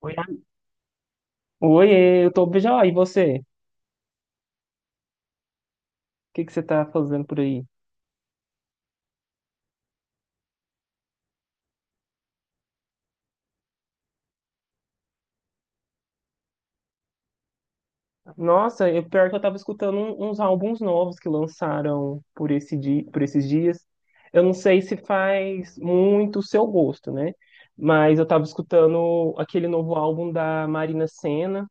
Oi, oiê, eu tô bem já. E você? O que que você tá fazendo por aí? Nossa, eu, pior que eu tava escutando uns álbuns novos que lançaram por esses dias. Eu não sei se faz muito o seu gosto, né? Mas eu tava escutando aquele novo álbum da Marina Sena.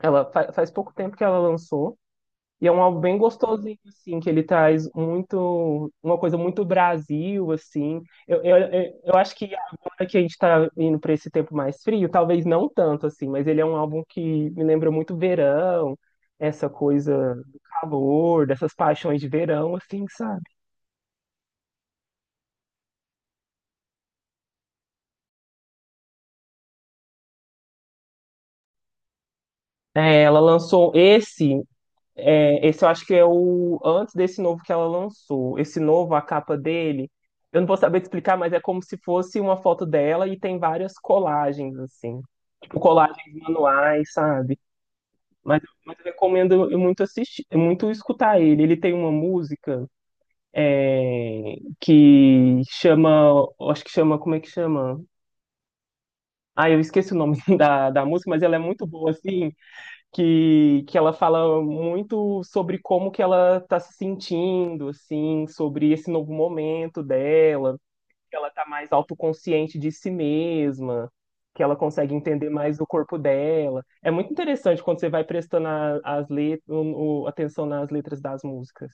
Ela faz pouco tempo que ela lançou. E é um álbum bem gostosinho, assim, que ele traz muito, uma coisa muito Brasil, assim. Eu acho que agora que a gente está indo para esse tempo mais frio, talvez não tanto, assim, mas ele é um álbum que me lembra muito verão, essa coisa do calor, dessas paixões de verão, assim, sabe? É, ela lançou esse. É, esse eu acho que é o antes desse novo que ela lançou. Esse novo, a capa dele, eu não vou saber te explicar, mas é como se fosse uma foto dela e tem várias colagens, assim, tipo colagens manuais, sabe? Mas eu recomendo muito assistir, muito escutar ele. Ele tem uma música é, que chama, acho que chama, como é que chama? Ah, eu esqueci o nome da música, mas ela é muito boa, assim, que ela fala muito sobre como que ela tá se sentindo, assim, sobre esse novo momento dela, que ela tá mais autoconsciente de si mesma, que ela consegue entender mais o corpo dela. É muito interessante quando você vai prestando a- as let- o- atenção nas letras das músicas.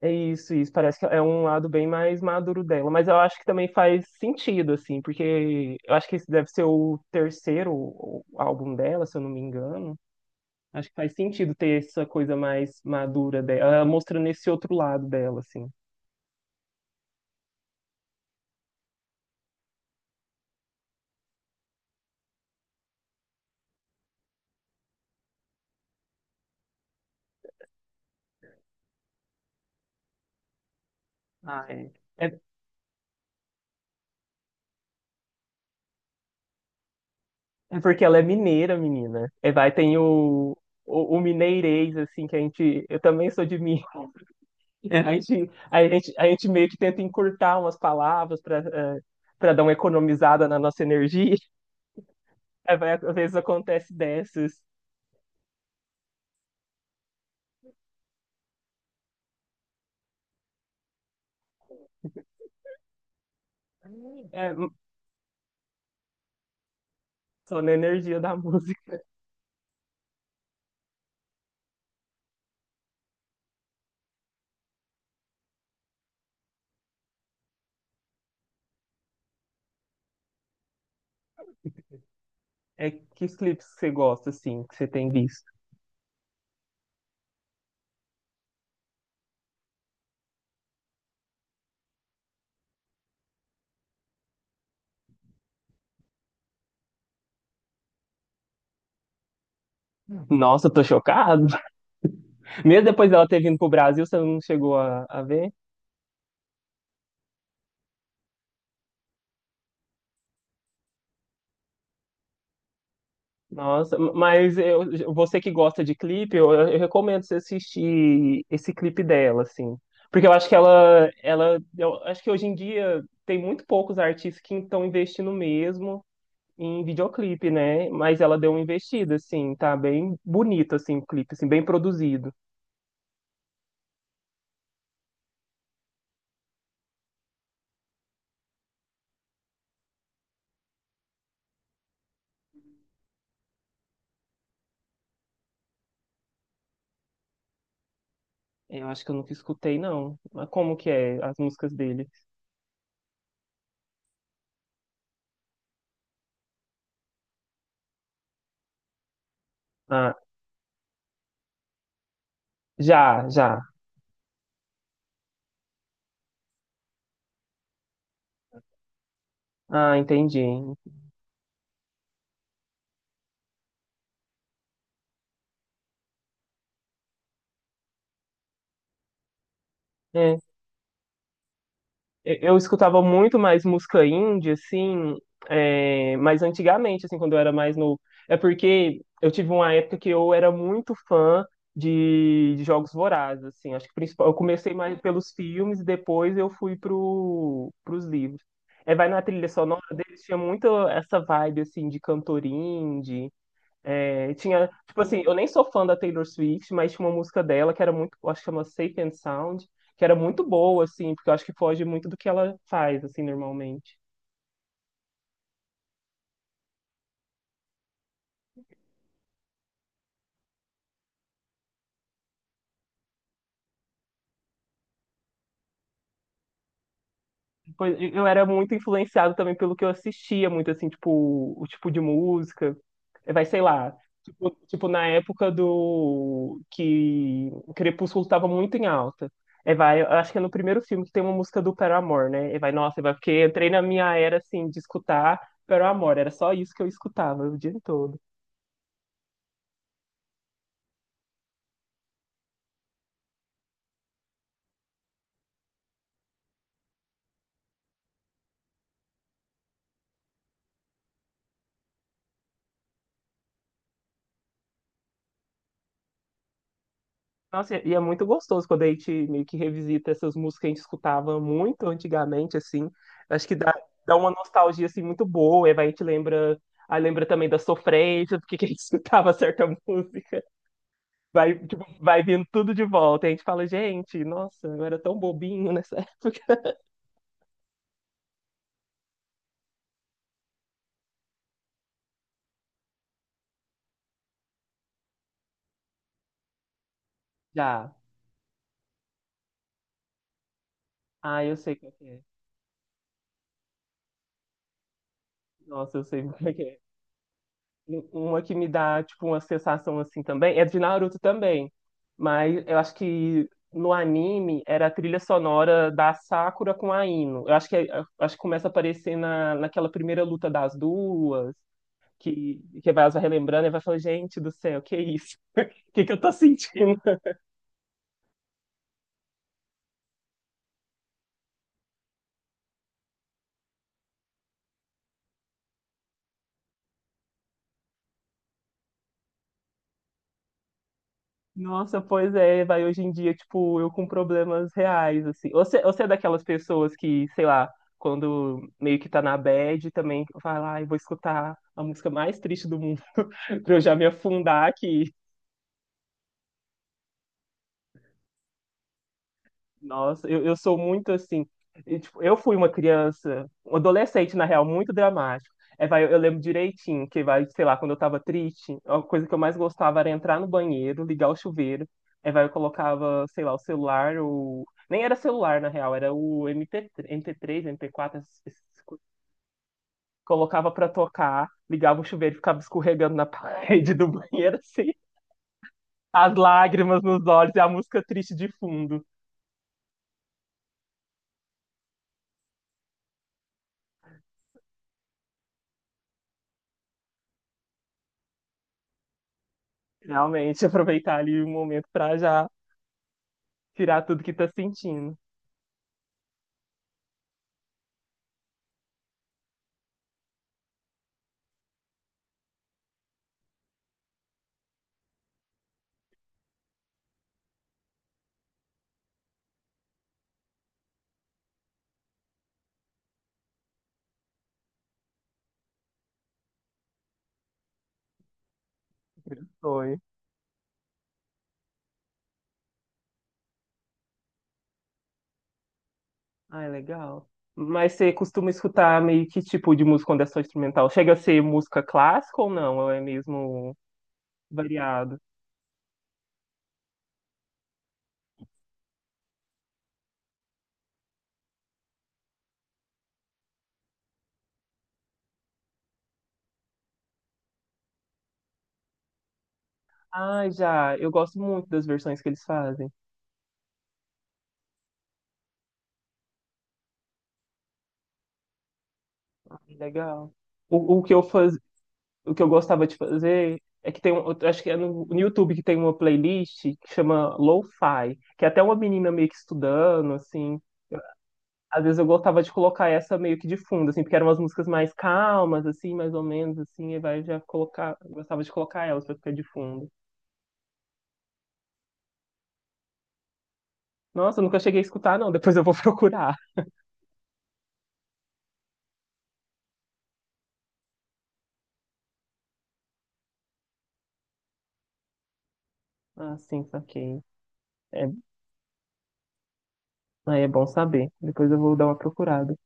É isso, isso. Parece que é um lado bem mais maduro dela, mas eu acho que também faz sentido, assim, porque eu acho que esse deve ser o terceiro álbum dela, se eu não me engano. Acho que faz sentido ter essa coisa mais madura dela, ela mostrando esse outro lado dela, assim. Ah, é. É, é porque ela é mineira, menina. É, vai, tem o, o mineirês, assim, que a gente. Eu também sou de Minas. A gente meio que tenta encurtar umas palavras para dar uma economizada na nossa energia. Aí vai, às vezes acontece dessas. É, só na energia da música. É, que clipes que você gosta, assim, que você tem visto? Nossa, eu tô chocado. Mesmo depois dela ter vindo pro Brasil, você não chegou a ver? Nossa, mas eu- você que gosta de clipe, eu recomendo você assistir esse clipe dela, assim. Porque eu acho que ela, eu acho que hoje em dia tem muito poucos artistas que estão investindo mesmo em videoclipe, né? Mas ela deu uma investida, assim, tá bem bonito, assim, o clipe, assim, bem produzido. Eu acho que eu nunca escutei, não. Mas como que é as músicas dele? Ah, já, já. Ah, entendi. É, eu escutava muito mais música indie, assim, é, mas antigamente, assim, quando eu era mais novo. É porque eu tive uma época que eu era muito fã de Jogos Vorazes, assim. Acho que principal, eu comecei mais pelos filmes e depois eu fui pros livros. É, vai na trilha sonora deles, tinha muito essa vibe, assim, de cantor indie, é, tinha, tipo assim, eu nem sou fã da Taylor Swift, mas tinha uma música dela que era muito, eu acho que chama Safe and Sound, que era muito boa, assim, porque eu acho que foge muito do que ela faz, assim, normalmente. Pois, e eu era muito influenciado também pelo que eu assistia, muito assim, tipo, o tipo de música. Eh, vai, sei lá, tipo na época do que Crepúsculo estava muito em alta. É, vai, eu acho que é no primeiro filme que tem uma música do Paramore, né? E vai, nossa, é, vai, porque eu entrei na minha era assim de escutar Paramore, era só isso que eu escutava o dia todo. Nossa, e é muito gostoso quando a gente meio que revisita essas músicas que a gente escutava muito antigamente, assim. Acho que dá uma nostalgia, assim, muito boa. E vai, a gente lembra... Aí lembra também da sofrência, porque que a gente escutava certa música. Vai, tipo, vai vindo tudo de volta. E a gente fala, gente, nossa, eu era tão bobinho nessa época. Já. Ah, eu sei como é que é. Nossa, eu sei como é que é. Uma que me dá, tipo, uma sensação assim também, é de Naruto também. Mas eu acho que no anime era a trilha sonora da Sakura com a Ino. Eu acho que começa a aparecer na, naquela primeira luta das duas, que vai relembrando e vai falando, gente do céu, que isso? O que que eu tô sentindo? Nossa, pois é, vai hoje em dia, tipo, eu com problemas reais, assim. Você é daquelas pessoas que, sei lá, quando meio que tá na bad, também vai lá e vou escutar a música mais triste do mundo pra eu já me afundar aqui. Nossa, eu sou muito assim. E, tipo, eu fui uma criança, um adolescente, na real, muito dramático. É, vai, eu lembro direitinho que, vai, sei lá, quando eu tava triste, a coisa que eu mais gostava era entrar no banheiro, ligar o chuveiro. É, vai, eu colocava, sei lá, o celular, o. Nem era celular, na real, era o MP3, MP3, MP4 essas coisas. Colocava pra tocar, ligava o chuveiro e ficava escorregando na parede do banheiro, assim, as lágrimas nos olhos e a música triste de fundo. Realmente, aproveitar ali o momento para já tirar tudo que tá sentindo. Foi, ai, legal. Mas você costuma escutar meio que tipo de música quando é só instrumental? Chega a ser música clássica ou não? Ou é mesmo variado? Ah, já. Eu gosto muito das versões que eles fazem. Legal. O que eu faz... o que eu gostava de fazer é que tem um, eu acho que é no YouTube que tem uma playlist que chama Lo-Fi, que é até uma menina meio que estudando assim. Às vezes eu gostava de colocar essa meio que de fundo, assim, porque eram umas músicas mais calmas, assim, mais ou menos, assim, e vai já colocar, eu gostava de colocar elas pra ficar de fundo. Nossa, eu nunca cheguei a escutar, não, depois eu vou procurar. Ah, sim, saquei. É, aí é bom saber, depois eu vou dar uma procurada.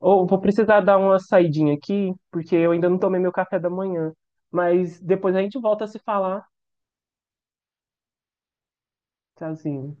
Ou vou precisar dar uma saidinha aqui, porque eu ainda não tomei meu café da manhã, mas depois a gente volta a se falar. Tchauzinho.